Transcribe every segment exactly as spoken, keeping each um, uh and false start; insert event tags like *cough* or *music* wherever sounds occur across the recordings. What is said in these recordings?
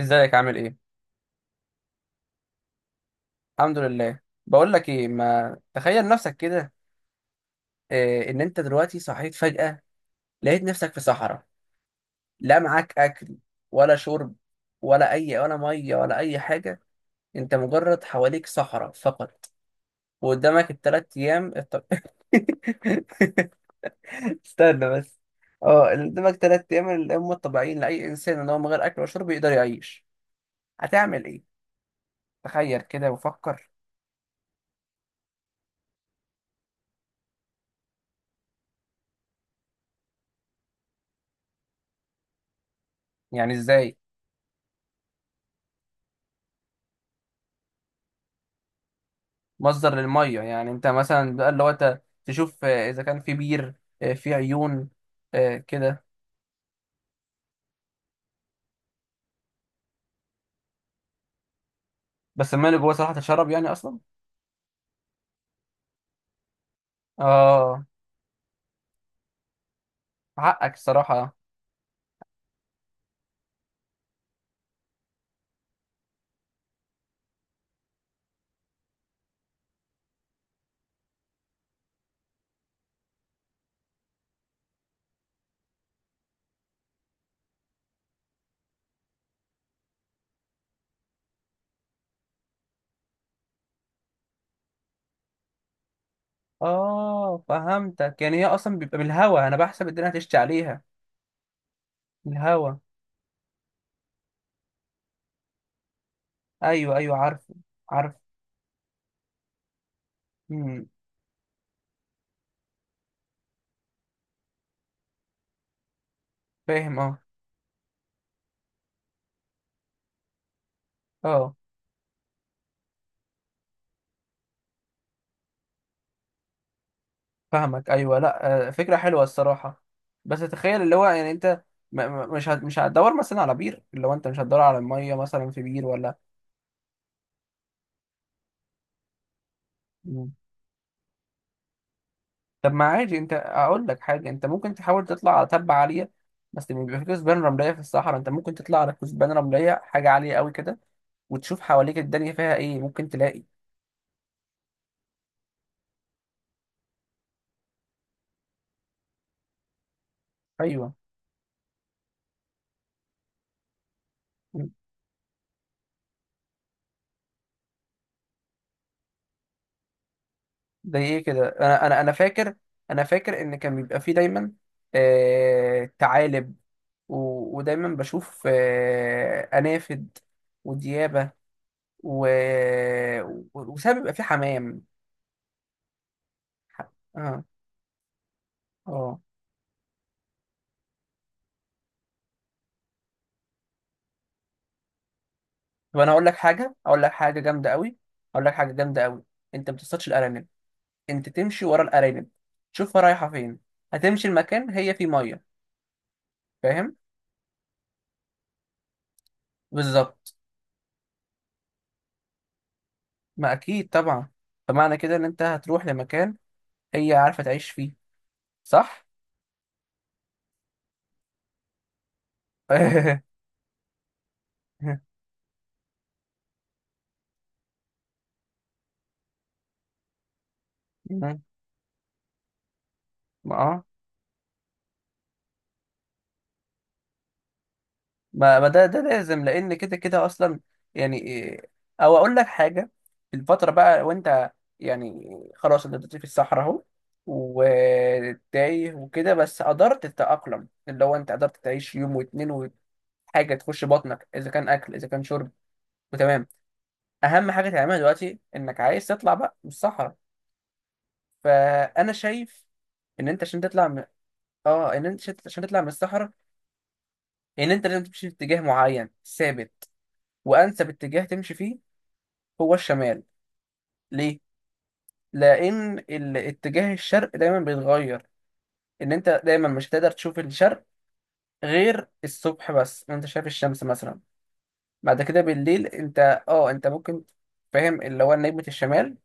ازيك عامل ايه؟ الحمد لله. بقول لك ايه، ما تخيل نفسك كده. إيه ان انت دلوقتي صحيت فجأة، لقيت نفسك في صحراء، لا معاك اكل، ولا شرب، ولا اي ولا ميه ولا اي حاجة. انت مجرد حواليك صحراء فقط. وقدامك الثلاث ايام الط... *laughs* استنى بس. اه، قدامك ثلاث ايام اللي هم الطبيعيين لاي انسان ان هو من غير اكل وشرب يقدر يعيش. هتعمل ايه؟ تخيل كده وفكر. يعني ازاي؟ مصدر للميه يعني انت مثلا بقى اللي هو انت تشوف، آه، اذا كان في بير، آه، في عيون. آه، كده. بس الماء اللي جوه صراحه تشرب يعني اصلا؟ اه، حقك الصراحه. اه فهمتك، يعني هي اصلا بيبقى بالهوا، انا بحسب الدنيا هتشتي عليها. الهوا. ايوه ايوه، عارفه. عارف. مم، فاهم. اه. اه فاهمك، ايوه لا، آه، فكره حلوه الصراحه. بس تخيل اللي هو يعني انت، م- م- مش هت- مش هتدور مثلا على بير، اللي هو انت مش هتدور على الميه مثلا في بير ولا. مم. طب ما عادي، انت اقول لك حاجه، انت ممكن تحاول تطلع على تبة عاليه. بس لما بيبقى في كثبان رمليه في الصحراء، انت ممكن تطلع على كثبان رمليه، حاجه عاليه قوي كده، وتشوف حواليك الدنيا فيها ايه ممكن تلاقي. ايوه. زي ايه كده؟ انا انا انا فاكر، انا فاكر ان كان بيبقى في دايما آه... ثعالب، و... ودايما بشوف آه... انافد وديابه، و... و... وساعات بيبقى في حمام. ح- اه. اه. طب انا اقول لك حاجه، اقول لك حاجه جامده قوي، اقول لك حاجه جامده قوي. انت ما تصطادش الارانب، انت تمشي ورا الارانب، تشوفها رايحه فين، هتمشي المكان هي فيه ميه. فاهم. بالظبط. ما اكيد طبعا. فمعنى كده ان انت هتروح لمكان هي عارفه تعيش فيه. صح. *laughs* ما آه. ما ما ده ده لازم، لان كده كده اصلا يعني. إيه- او اقول لك حاجه. الفتره بقى وانت، يعني خلاص انت دلوقتي في الصحراء اهو، وتايه وكده، بس قدرت تتاقلم، اللي هو انت قدرت تعيش يوم واتنين وحاجه تخش بطنك، اذا كان اكل اذا كان شرب، وتمام. اهم حاجه تعملها دلوقتي انك عايز تطلع بقى من الصحراء. فانا شايف ان انت عشان تطلع من، اه، ان انت عشان تطلع من الصحراء، ان انت لازم تمشي في اتجاه معين ثابت. وانسب اتجاه تمشي فيه هو الشمال. ليه؟ لأن الاتجاه الشرق دايما بيتغير. إن أنت دايما مش هتقدر تشوف الشرق غير الصبح بس وأنت شايف الشمس مثلا. بعد كده بالليل أنت، أه أنت ممكن، فاهم، اللي هو نجمة الشمال،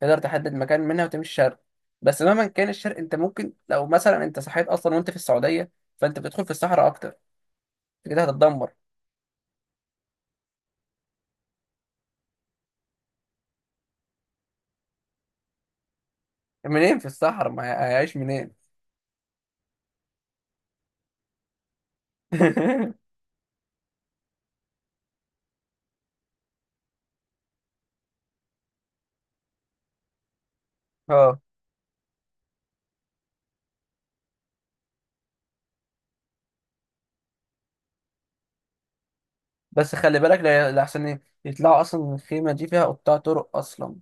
تقدر تحدد مكان منها وتمشي شرق. بس مهما كان الشرق، أنت ممكن لو مثلا أنت صحيت أصلا وأنت في السعودية، فأنت بتدخل في الصحراء أكتر، أنت كده هتتدمر. منين في الصحراء؟ ما هيعيش منين. *laughs* اه. بس خلي بالك، لا- لأحسن إيه يطلعوا أصلا من الخيمة دي فيها قطاع طرق أصلا.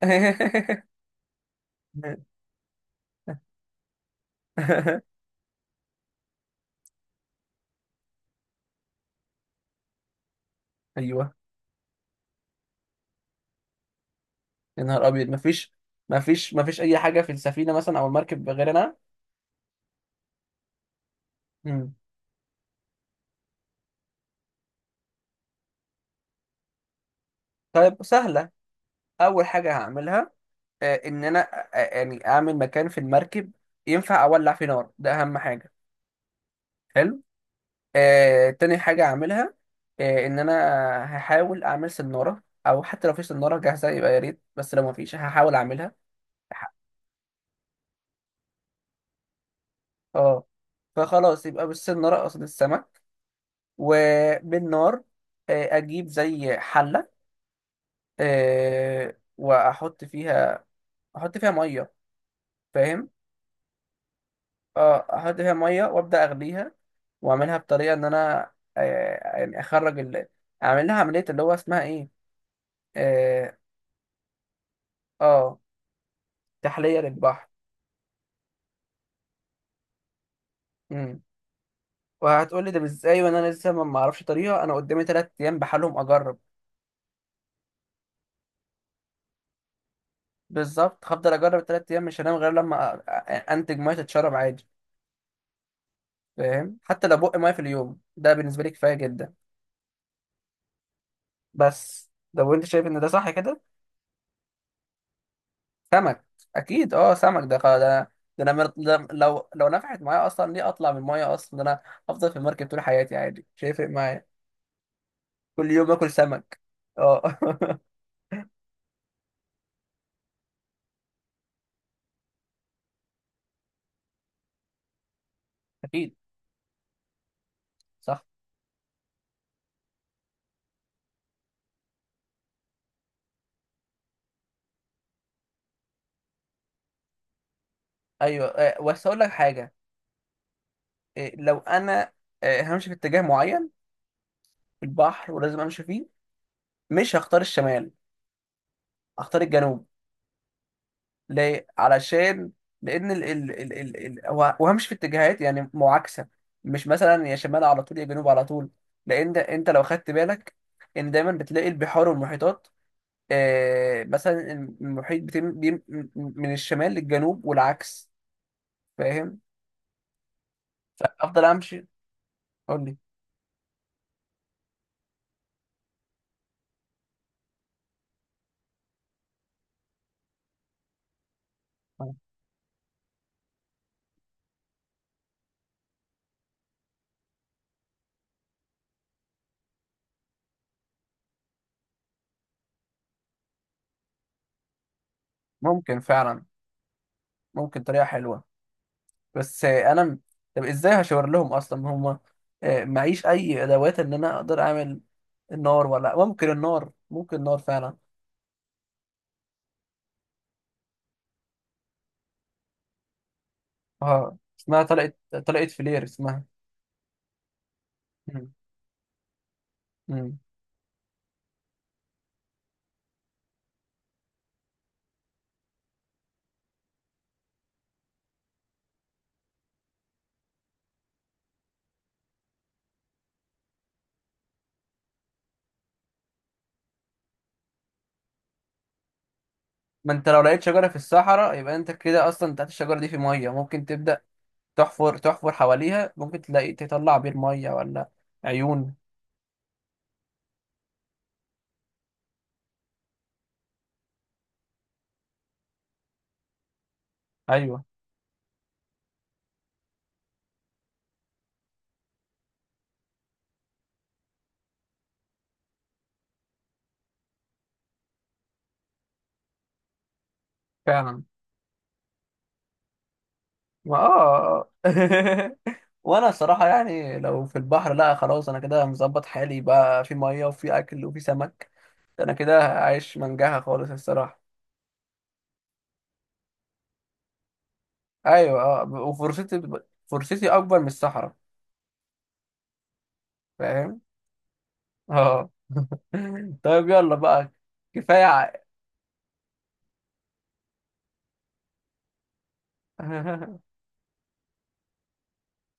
*laughs* أيوه. يا نهار أبيض، مفيش مفيش مفيش أي حاجة في السفينة مثلا أو المركب غير أنا. مم. طيب سهلة. أول حاجة هعملها، آه، إن أنا آه، آه، يعني أعمل مكان في المركب ينفع أولع فيه نار، ده أهم حاجة. حلو. آه، تاني حاجة أعملها، آه، إن أنا هحاول أعمل سنارة، أو حتى لو في سنارة جاهزة يبقى يا ريت، بس لو مفيش هحاول أعملها. اه. فخلاص يبقى بالسمنة رقص السمك، وبالنار آه، اجيب زي حلة، آه، واحط فيها، احط فيها مية. فاهم. اه، احط فيها مية وابدأ اغليها. واعملها بطريقة ان انا، آه، يعني اخرج ال... اعمل لها عملية اللي هو اسمها ايه. اه. آه، تحلية للبحر. امم. وهتقولي ده ازاي، وانا لسه ما ما اعرفش طريقة؟ انا قدامي تلات ايام بحالهم اجرب. بالظبط. هفضل اجرب تلات ايام، مش هنام غير لما أ- أ- انتج ميه تتشرب عادي. فاهم. حتى لو بق ميه في اليوم ده بالنسبه لي كفايه جدا. بس لو انت شايف ان ده صح كده. سمك. اكيد اه، سمك، ده خ- ده، ده انا، مر- ده لو لو نفعت معايا اصلا، ليه اطلع من الميه اصلا؟ ده انا افضل في المركب طول حياتي عادي مش هيفرق معايا. كل يوم اكل سمك. اه. *laughs* اكيد. صح. ايوه، آه، بس اقول لك حاجه، آه، لو انا، آه، همشي في اتجاه معين في البحر، ولازم امشي فيه. مش هختار الشمال، هختار الجنوب. ليه؟ علشان، لأن ال ال ال ال ال هو هو مش في اتجاهات يعني معاكسة، مش مثلا يا شمال على طول يا جنوب على طول. لأن ده أنت لو خدت بالك إن دايما بتلاقي البحار والمحيطات، آه مثلا، المحيط بتم بيم من الشمال للجنوب والعكس. فاهم؟ أفضل أمشي. قول لي. ممكن فعلا. ممكن طريقة حلوة. بس انا، طب ازاي هشاور لهم اصلا هم؟ آه، معيش اي ادوات ان انا اقدر اعمل. النار، ولا ممكن النار، ممكن النار فعلا. اه، اسمها طلقت، طلقت فلير اسمها. مم. مم. ما انت لو لقيت شجره في الصحراء، يبقى انت كده اصلا تحت الشجره دي في ميه ممكن تبدا تحفر تحفر حواليها، ممكن تلاقي تطلع بير ميه ولا عيون. ايوه. فعلا. ما اه. *laughs* وانا الصراحه يعني لو في البحر، لا خلاص انا كده مظبط حالي بقى، في ميه وفي اكل وفي سمك. انا كده عايش منجاها خالص الصراحه. ايوه اه. وفرصتي، فرصتي اكبر من الصحراء. فاهم. اه. *laughs* طيب يلا بقى، كفايه ع- *laughs*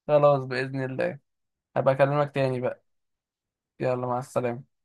خلاص باذن الله، هبقى اكلمك تاني بقى. يلا مع السلامه.